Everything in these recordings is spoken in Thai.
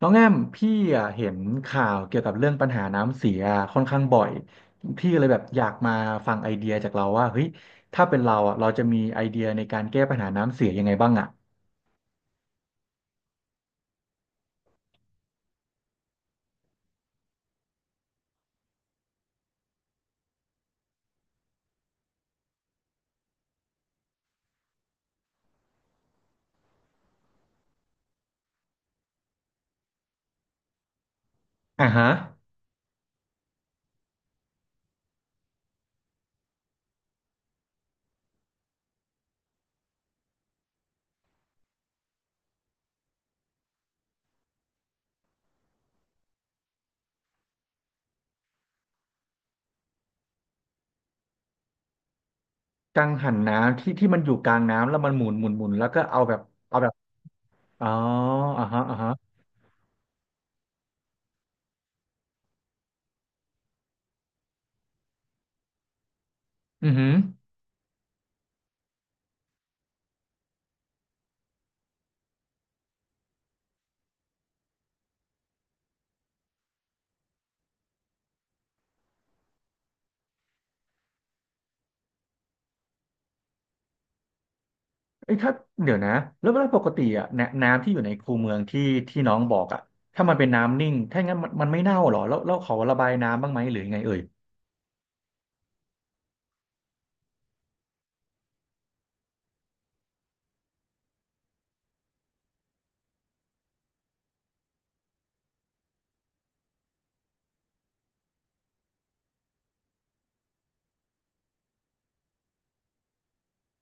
น้องแอมพี่อะเห็นข่าวเกี่ยวกับเรื่องปัญหาน้ำเสียค่อนข้างบ่อยพี่ก็เลยแบบอยากมาฟังไอเดียจากเราว่าเฮ้ยถ้าเป็นเราอ่ะเราจะมีไอเดียในการแก้ปัญหาน้ำเสียยังไงบ้างอ่ะอ่าฮะกังหันน้ำที่มันอยู่กลางน้ำแล้วมันหมุนหมุนหมุนแล้วก็เอาแบบเอาแบบอ๋ออ่าฮะอ่าฮะอือหือไอ้ยถ้าเดี๋ยวนะแล้วเวลาปกติอ่ะนน้ำที่อยู่ในคูเมืองที่ที่น้องบอกอ่ะถ้ามันเป็นน้ำนิ่งถ้างั้นมันไม่เน่าหรอแล้วแล้วเขาระบายน้ำบ้างไหมหรือยังไงเอ่ย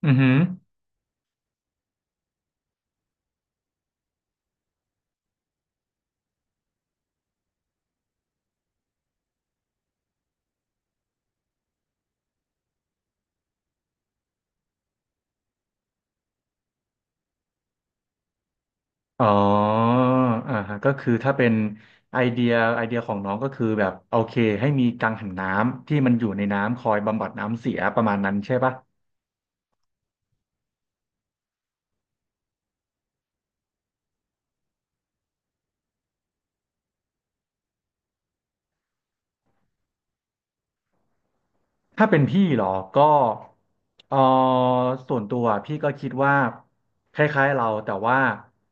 อือหือ อ๋ออ่าฮะก็คือถ้าเป็นไอเดียไอเดียของน้องก็คือแบบโอเคให้มีกังหันน้ำที่มันอยู่ในน้ำคอยบำบัดน้ำเสียประมาณนั้นใช่ปะ ถ้าเป็นพี่เหรอก็เออส่วนตัวพี่ก็คิดว่าคล้ายๆเราแต่ว่า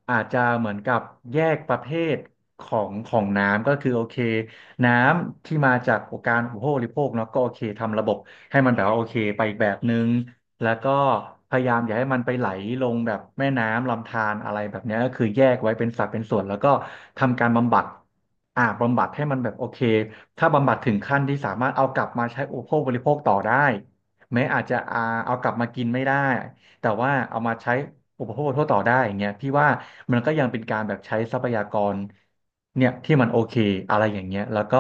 อาจจะเหมือนกับแยกประเภทของของน้ำก็คือโอเคน้ำที่มาจากการอุปโภคบริโภคเนาะก็โอเคทำระบบให้มันแบบว่าโอเคไปอีกแบบนึง แล้วก็พยายามอย่าให้มันไปไหลลงแบบแม่น้ำลำธารอะไรแบบเนี้ยก็คือแยกไว้เป็นสัดเป็นส่วนแล้วก็ทำการบำบัดอ่าบำบัดให้มันแบบโอเค ถ้าบำบัดถึงขั้นที่สามารถเอากลับมาใช้อุปโภคบริโภคต่อได้แม้อาจจะอาเอากลับมากินไม่ได้แต่ว่าเอามาใช้อุปโภคบริโภคต่อได้อย่างเงี้ยพี่ว่ามันก็ยังเป็นการแบบใช้ทรัพยากรเนี่ยที่มันโอเคอะไรอย่างเงี้ยแล้วก็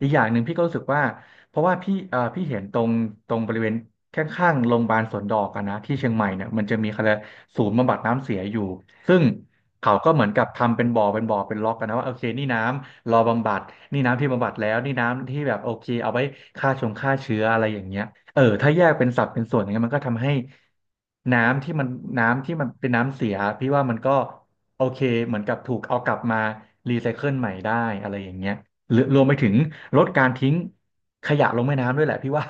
อีกอย่างหนึ่งพี่ก็รู้สึกว่าเพราะว่าพี่พี่เห็นตรงตรงบริเวณข้างๆโรงพยาบาลสวนดอกอะนะที่เชียงใหม่เนี่ยมันจะมีเขาเรียกศูนย์บำบัดน้ำเสียอยู่ซึ่ง เขาก็เหมือนกับทำเป็นบ่อเป็นบ่อเป็นล็อกกันนะว่าโอเคนี่น้ำรอบำบัดนี่น้ำที่บำบัดแล้วนี่น้ำที่แบบโอเคเอาไว้ฆ่าชงฆ่าเชื้ออะไรอย่างเงี้ยเออถ้าแยกเป็นสัดเป็นส่วนอย่างเงี้ยมันก็ทำให้น้ำที่มันน้ำที่มันเป็นน้ำเสียพี่ว่ามันก็โอเคเหมือนกับถูก เอากลับมารีไซเคิลใหม่ได้อะไรอย่างเงี้ยหรือรวมไปถึงลดการทิ้งขยะลงแม่น้ำด้วยแหละพี่ว่า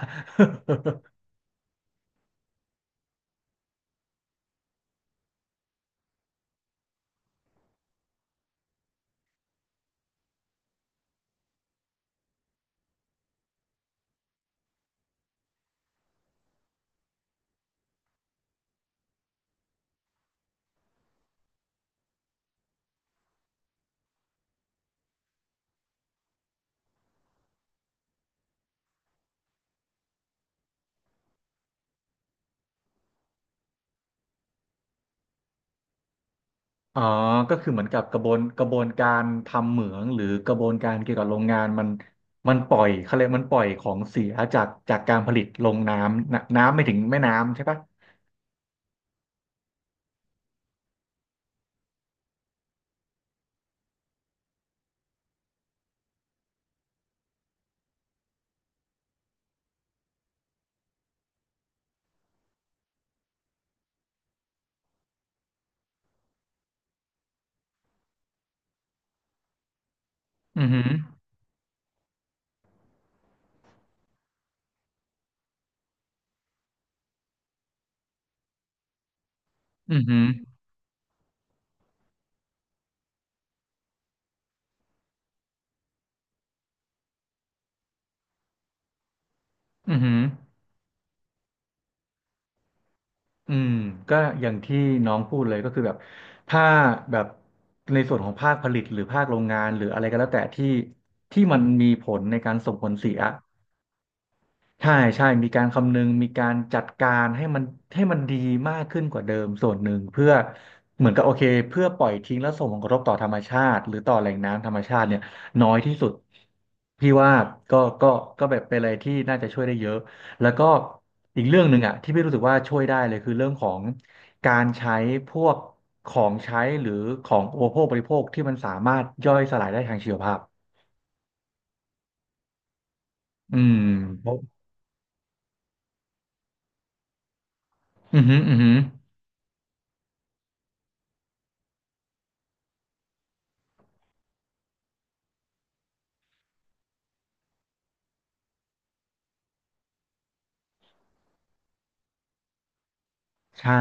อ๋อก็คือเหมือนกับกระบวนกระบวนการทำเหมืองหรือกระบวนการเกี่ยวกับโรงงานมันปล่อยเขาเรียกมันปล่อยของเสียจากจากการผลิตลงน้ำนะน้ำไม่ถึงแม่น้ำใช่ปะอือหืออือหืออือหืออืมก็อย่างที่น้องพูดเลยก็คือแบบถ้าแบบในส่วนของภาคผลิตหรือภาคโรงงานหรืออะไรก็แล้วแต่ที่ที่มันมีผลในการส่งผลเสีย ใช่ใช่มีการคำนึงมีการจัดการให้มันให้มันดีมากขึ้นกว่าเดิมส่วนหนึ่งเพื่อเหมือนกับโอเคเพื่อปล่อยทิ้งและส่งผลกระทบต่อธรรมชาติหรือต่อแหล่งน้ำธรรมชาติเนี่ยน้อยที่สุดพี่ว่าก็ก็ก็แบบเป็นอะไรที่น่าจะช่วยได้เยอะแล้วก็อีกเรื่องหนึ่งอ่ะที่พี่รู้สึกว่าช่วยได้เลยคือเรื่องของการใช้พวกของใช้หรือของอุปโภคบริโภคที่มันสามารถย่อยสลายได้ทางชีวภาพอืมเพราะอือหืออือหือใช่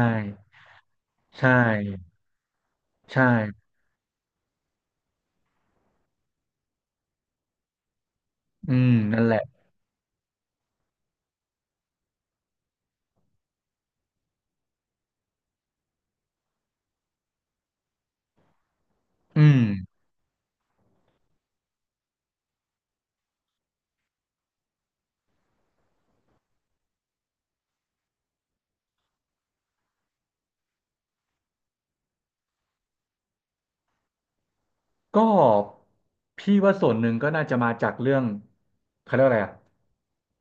ใช่ ใช่อืมนั่นแหละอืมก็พี่ว่าส่วนหนึ่งก็น่าจะมาจากเรื่องเขาเรียกว่าอะไรอ่ะ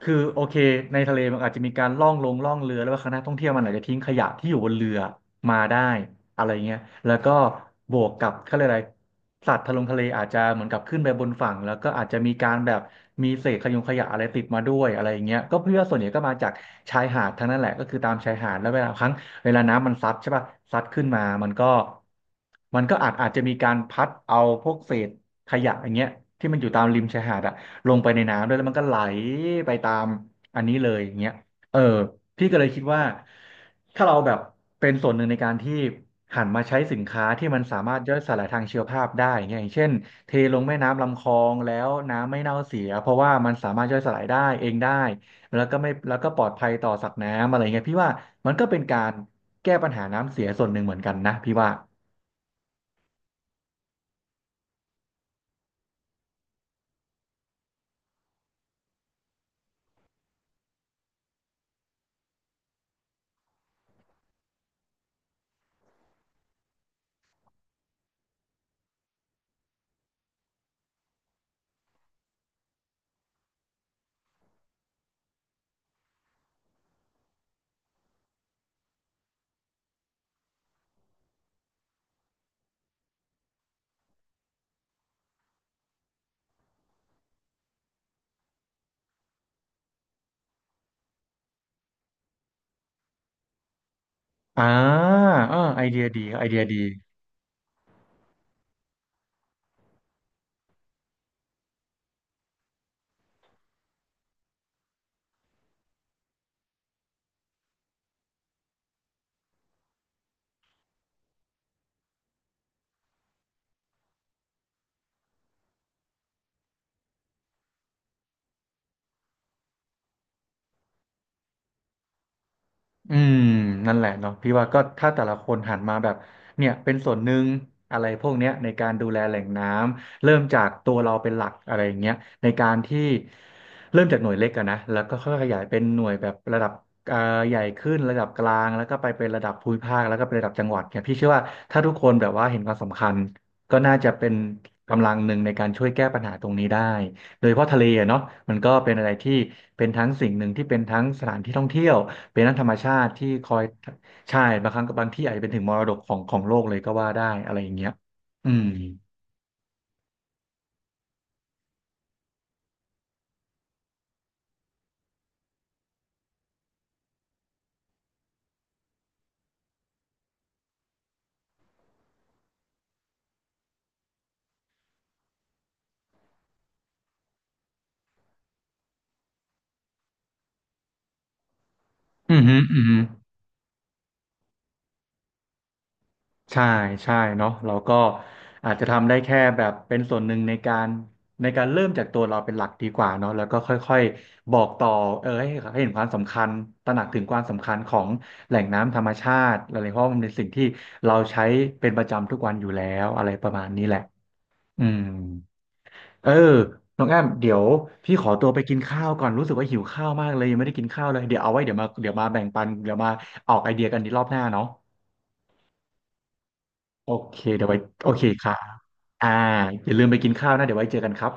คือโอเคในทะเลมันอาจจะมีการล่องลงล่องเรือแล้วว่าคณะท่องเที่ยวมันอาจจะทิ้งขยะที่อยู่บนเรือมาได้อะไรเงี้ยแล้วก็บวกกับเขาเรียกอะไรสัตว์ทะลงทะเลอาจจะเหมือนกับขึ้นไปบนฝั่งแล้วก็อาจจะมีการแบบมีเศษขยงขยะอะไรติดมาด้วยอะไรเงี้ยก็เพื่อส่วนใหญ่ก็มาจากชายหาดทั้งนั้นแหละก็คือตามชายหาดแล้วเวลาครั้ง เวลาน้ำมันซัดใช่ป่ะซัดขึ้นมามันก็มันก็อาจจะมีการพัดเอาพวกเศษขยะอย่างเงี้ยที่มันอยู่ตามริมชายหาดอะลงไปในน้ำด้วยแล้วมันก็ไหลไปตามอันนี้เลยอย่างเงี้ยเออพี่ก็เลยคิดว่าถ้าเราแบบเป็นส่วนหนึ่งในการที่หันมาใช้สินค้าที่มันสามารถย่อยสลายทางชีวภาพได้อย่างเงี้ยอย่างเช่นเทลงแม่น้ำลำคลองแล้วน้ำไม่เน่าเสียเพราะว่ามันสามารถย่อยสลายได้เองได้ แล้วก็ไม่แล้วก็ปลอดภัยต่อสัตว์น้ำอะไรเงี้ยพี่ว่า มันก็เป็นการแก้ปัญหาน้ำเสียส่วนหนึ่งเหมือนกันนะพี่ว่าอ่าอ่าไอเดียดีครับไอเดียดี อืมนั่นแหละเนาะพี่ว่าก็ถ้าแต่ละคนหันมาแบบเนี่ยเป็นส่วนหนึ่งอะไรพวกเนี้ยในการดูแลแหล่งน้ำเริ่มจากตัวเราเป็นหลักอะไรอย่างเงี้ยในการที่เริ่มจากหน่วยเล็กอะนะแล้วก็ค่อยๆขยายเป็นหน่วยแบบระดับเอ่อใหญ่ขึ้นระดับกลางแล้วก็ไปเป็นระดับภูมิภาคแล้วก็เป็นระดับจังหวัดเนี่ยพี่เชื่อว่าถ้าทุกคนแบบว่าเห็นความสำคัญก็น่าจะเป็นกำลังหนึ่งในการช่วยแก้ปัญหาตรงนี้ได้ โดยเฉพาะทะเลอะเนาะมันก็เป็นอะไรที่เป็นทั้งสิ่งหนึ่งที่เป็นทั้งสถานที่ท่องเที่ยวเป็นทั้งธรรมชาติที่คอยใช่บางครั้งกับบางที่อาจจะเป็นถึงมรดกของโลกเลยก็ว่าได้อะไรอย่างเงี้ยอืมอืมอหืมออือหือ ใช่ใช่เนาะเราก็อาจจะทำได้แค่แบบเป็นส่วนหนึ่งในการเริ่มจากตัวเราเป็นหลักดีกว่าเนาะแล้วก็ค่อยๆบอกต่อเออให้เห็นความสำคัญตระหนักถึงความสำคัญของแหล่งน้ำธรรมชาติอะไรเพราะมันเป็นสิ่งที่เราใช้เป็นประจำทุกวันอยู่แล้วอะไรประมาณนี้แหละอืมเออน้องแอมเดี๋ยวพี่ขอตัวไปกินข้าวก่อนรู้สึกว่าหิวข้าวมากเลยยังไม่ได้กินข้าวเลยเดี๋ยวเอาไว้เดี๋ยวมาแบ่งปันเดี๋ยวมาออกไอเดียกันในรอบหน้าเนาะโอเคเดี๋ยวไว้โอเคค่ะ อ่าอย่าลืมไปกินข้าวนะเดี๋ยวไว้เจอกันครับ